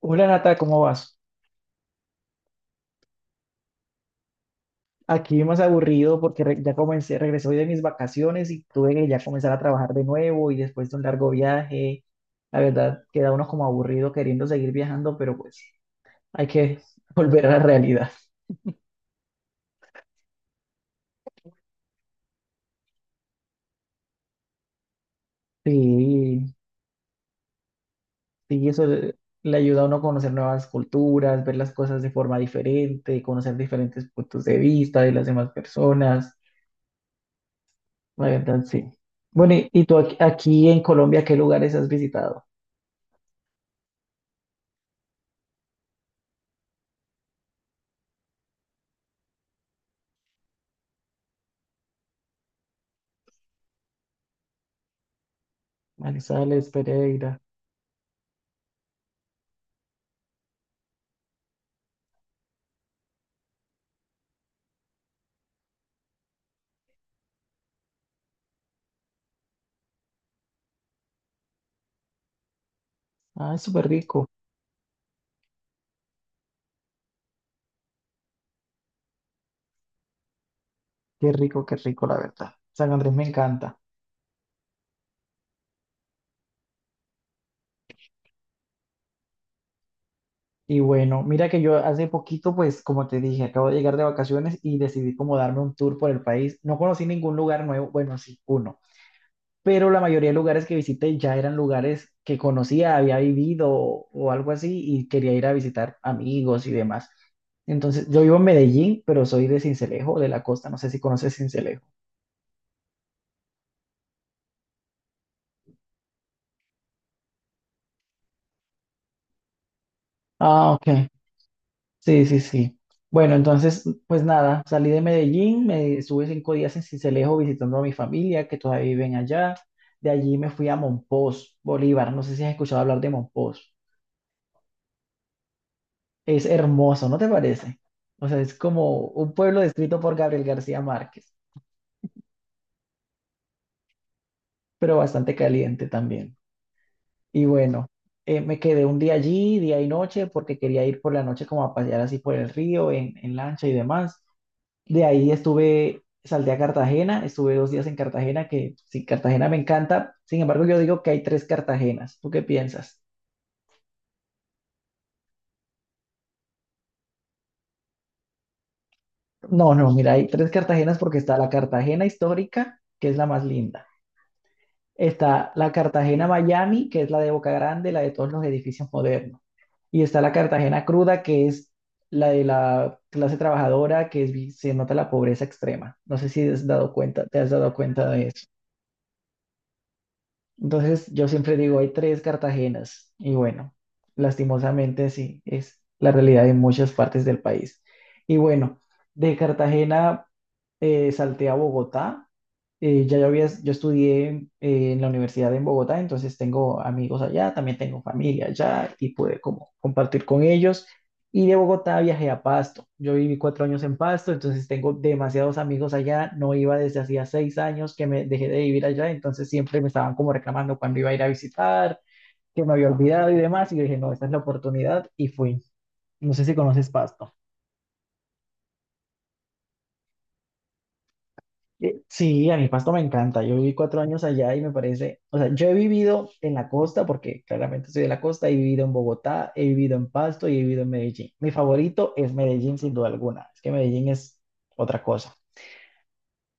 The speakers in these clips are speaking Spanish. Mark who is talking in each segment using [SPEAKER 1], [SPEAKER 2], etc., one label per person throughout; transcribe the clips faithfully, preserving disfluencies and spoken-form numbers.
[SPEAKER 1] Hola, Nata, ¿cómo vas? Aquí más aburrido porque re- ya comencé, regresé hoy de mis vacaciones y tuve que ya comenzar a trabajar de nuevo y después de un largo viaje, la verdad queda uno como aburrido queriendo seguir viajando, pero pues hay que volver a la realidad. Sí, sí, eso le le ayuda a uno a conocer nuevas culturas, ver las cosas de forma diferente, conocer diferentes puntos de vista de las demás personas, la verdad sí. Bueno, y, y tú aquí, aquí en Colombia, ¿qué lugares has visitado? Manizales, Pereira. Ah, es súper rico. Qué rico, qué rico, la verdad. San Andrés me encanta. Y bueno, mira que yo hace poquito, pues como te dije, acabo de llegar de vacaciones y decidí como darme un tour por el país. No conocí ningún lugar nuevo, bueno, sí, uno, pero la mayoría de lugares que visité ya eran lugares que conocía, había vivido o, o algo así y quería ir a visitar amigos y demás. Entonces, yo vivo en Medellín, pero soy de Sincelejo, de la costa, no sé si conoces Sincelejo. Ah, ok. Sí, sí, sí. Bueno, entonces, pues nada, salí de Medellín, me estuve cinco días en Sincelejo visitando a mi familia que todavía viven allá. De allí me fui a Monpós, Bolívar. No sé si has escuchado hablar de Monpós. Es hermoso, ¿no te parece? O sea, es como un pueblo descrito por Gabriel García Márquez, pero bastante caliente también. Y bueno, eh, me quedé un día allí, día y noche, porque quería ir por la noche como a pasear así por el río, en, en lancha y demás. De ahí estuve, salté a Cartagena, estuve dos días en Cartagena, que sí, Cartagena me encanta. Sin embargo, yo digo que hay tres Cartagenas. ¿Tú qué piensas? No, no, mira, hay tres Cartagenas porque está la Cartagena histórica, que es la más linda. Está la Cartagena Miami, que es la de Boca Grande, la de todos los edificios modernos. Y está la Cartagena cruda, que es la de la clase trabajadora, que es, vi- se nota la pobreza extrema. No sé si has dado cuenta, te has dado cuenta de eso. Entonces, yo siempre digo, hay tres Cartagenas. Y bueno, lastimosamente sí, es la realidad de muchas partes del país. Y bueno, de Cartagena eh, salté a Bogotá. Eh, ya yo había, yo estudié eh, en la universidad en Bogotá, entonces tengo amigos allá, también tengo familia allá y pude como compartir con ellos. Y de Bogotá viajé a Pasto. Yo viví cuatro años en Pasto, entonces tengo demasiados amigos allá. No iba desde hacía seis años que me dejé de vivir allá, entonces siempre me estaban como reclamando cuando iba a ir a visitar, que me había olvidado y demás. Y yo dije, no, esta es la oportunidad y fui. No sé si conoces Pasto. Eh, Sí, a mí Pasto me encanta. Yo viví cuatro años allá y me parece, o sea, yo he vivido en la costa, porque claramente soy de la costa, he vivido en Bogotá, he vivido en Pasto y he vivido en Medellín. Mi favorito es Medellín, sin duda alguna. Es que Medellín es otra cosa.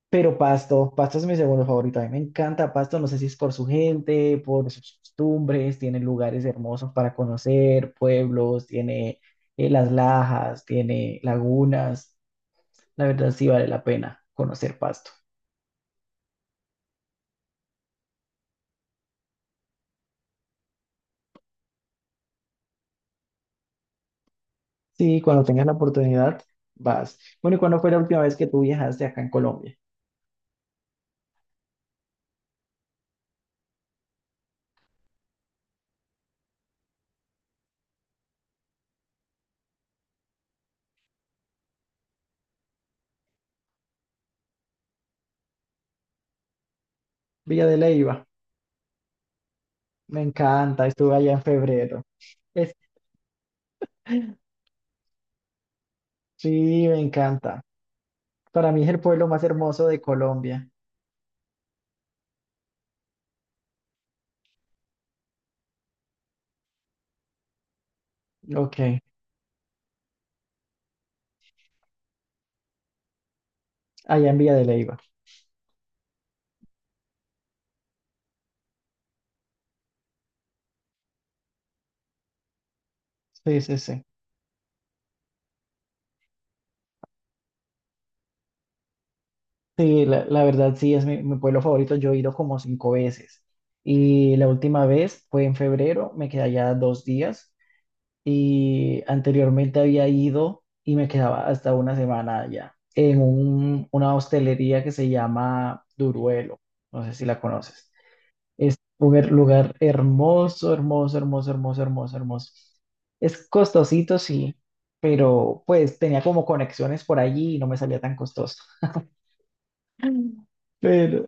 [SPEAKER 1] Pero Pasto, Pasto es mi segundo favorito. A mí me encanta Pasto, no sé si es por su gente, por sus costumbres, tiene lugares hermosos para conocer, pueblos, tiene eh, las lajas, tiene lagunas. La verdad sí vale la pena conocer Pasto. Sí, cuando tengas la oportunidad, vas. Bueno, ¿y cuándo fue la última vez que tú viajaste acá en Colombia? Villa de Leyva, me encanta, estuve allá en febrero. es, Sí, me encanta. Para mí es el pueblo más hermoso de Colombia, ok. Allá en Villa de Leyva. Sí, sí, sí. Sí, la, la verdad sí es mi, mi pueblo favorito. Yo he ido como cinco veces. Y la última vez fue en febrero, me quedé allá dos días. Y anteriormente había ido y me quedaba hasta una semana allá, en un- una hostelería que se llama Duruelo. No sé si la conoces. Es un her- lugar hermoso, hermoso, hermoso, hermoso, hermoso, hermoso. Es costosito, sí, pero pues tenía como conexiones por allí y no me salía tan costoso. Pero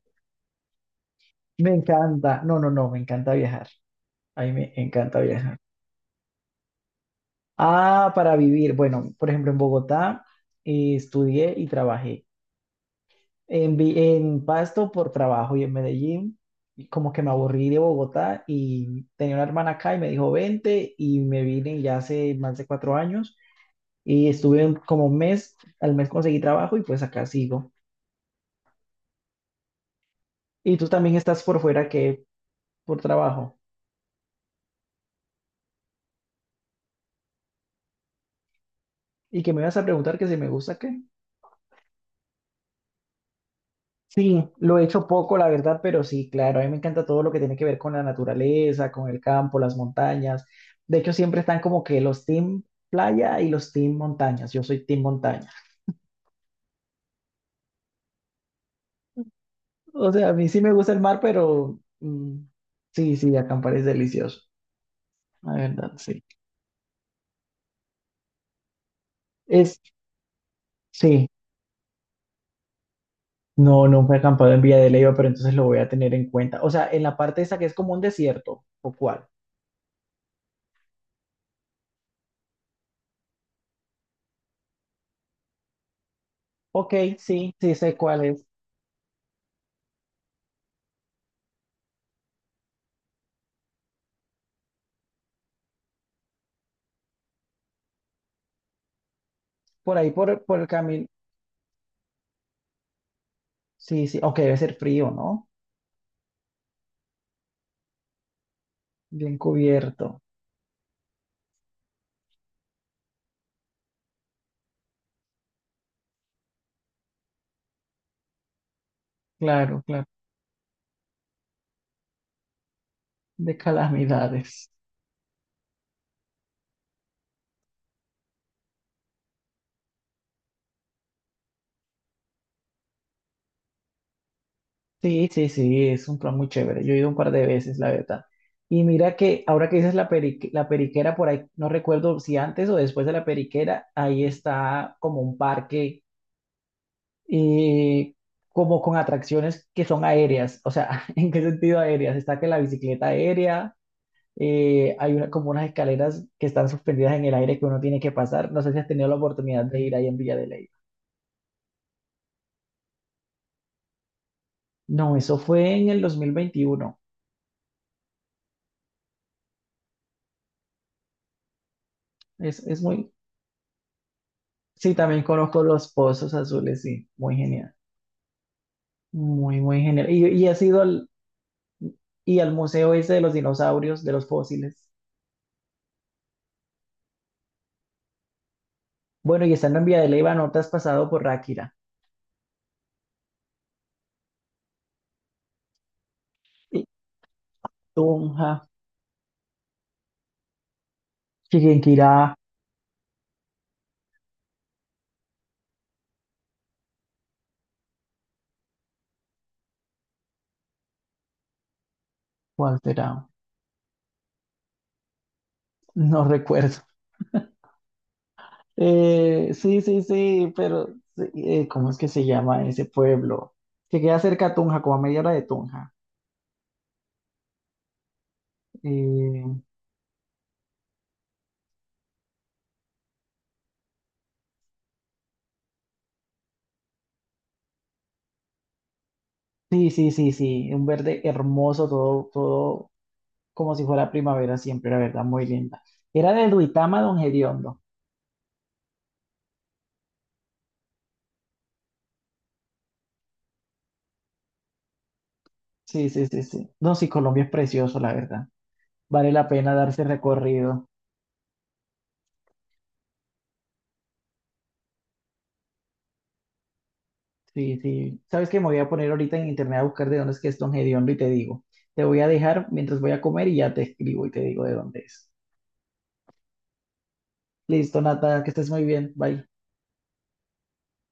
[SPEAKER 1] me encanta, no, no, no, me encanta viajar. A mí me encanta viajar. Ah, para vivir. Bueno, por ejemplo, en Bogotá eh, estudié y trabajé. En, Vi- en Pasto por trabajo y en Medellín, y como que me aburrí de Bogotá y tenía una hermana acá y me dijo, vente y me vine ya hace más de cuatro años y estuve un- como un mes, al mes conseguí trabajo y pues acá sigo. Y tú también estás por fuera que por trabajo. ¿Y que me vas a preguntar que si me gusta? Sí, lo he hecho poco, la verdad, pero sí, claro, a mí me encanta todo lo que tiene que ver con la naturaleza, con el campo, las montañas. De hecho, siempre están como que los team playa y los team montañas. Yo soy team montaña. O sea, a mí sí me gusta el mar, pero mm, sí, sí, acampar es delicioso. La verdad, sí. Es, sí, no, nunca he acampado en Villa de Leyva, pero entonces lo voy a tener en cuenta. O sea, en la parte esa que es como un desierto, ¿o cuál? Ok, sí, sí sé cuál es. Por ahí, por, por el camino. Sí, sí, ok, debe ser frío, ¿no? Bien cubierto, claro, claro, de calamidades. Sí, sí, sí, es un plan muy chévere. Yo he ido un par de veces, la verdad. Y mira que ahora que dices la perique- la periquera por ahí, no recuerdo si antes o después de la periquera, ahí está como un parque, eh, como con atracciones que son aéreas. O sea, ¿en qué sentido aéreas? Está que la bicicleta aérea, eh, hay una, como unas escaleras que están suspendidas en el aire que uno tiene que pasar. No sé si has tenido la oportunidad de ir ahí en Villa de Ley. No, eso fue en el dos mil veintiuno. Es, es muy... Sí, también conozco los Pozos Azules, sí. Muy genial. Muy, muy genial. Y, y has ido al, y al museo ese de los dinosaurios, de los fósiles. Bueno, y estando en Vía de Leyva, ¿no te has pasado por Ráquira? Y Tunja, Chiquinquirá, ¿cuál será? No recuerdo. Eh, sí, sí, sí, pero sí, eh, ¿cómo es que se llama ese pueblo? Que queda cerca a Tunja, como a media hora de Tunja. Eh, Sí, sí, sí, sí, un verde hermoso, todo, todo como si fuera primavera siempre, la verdad, muy linda. Era de Duitama, Don Gediondo. Sí, sí, sí, sí. No, sí, Colombia es precioso, la verdad. Vale la pena darse recorrido. Sí, sí. ¿Sabes qué? Me voy a poner ahorita en internet a buscar de dónde es que es Don Gediondo y te digo. Te voy a dejar mientras voy a comer y ya te escribo y te digo de dónde es. Listo, Nata, que estés muy bien. Bye.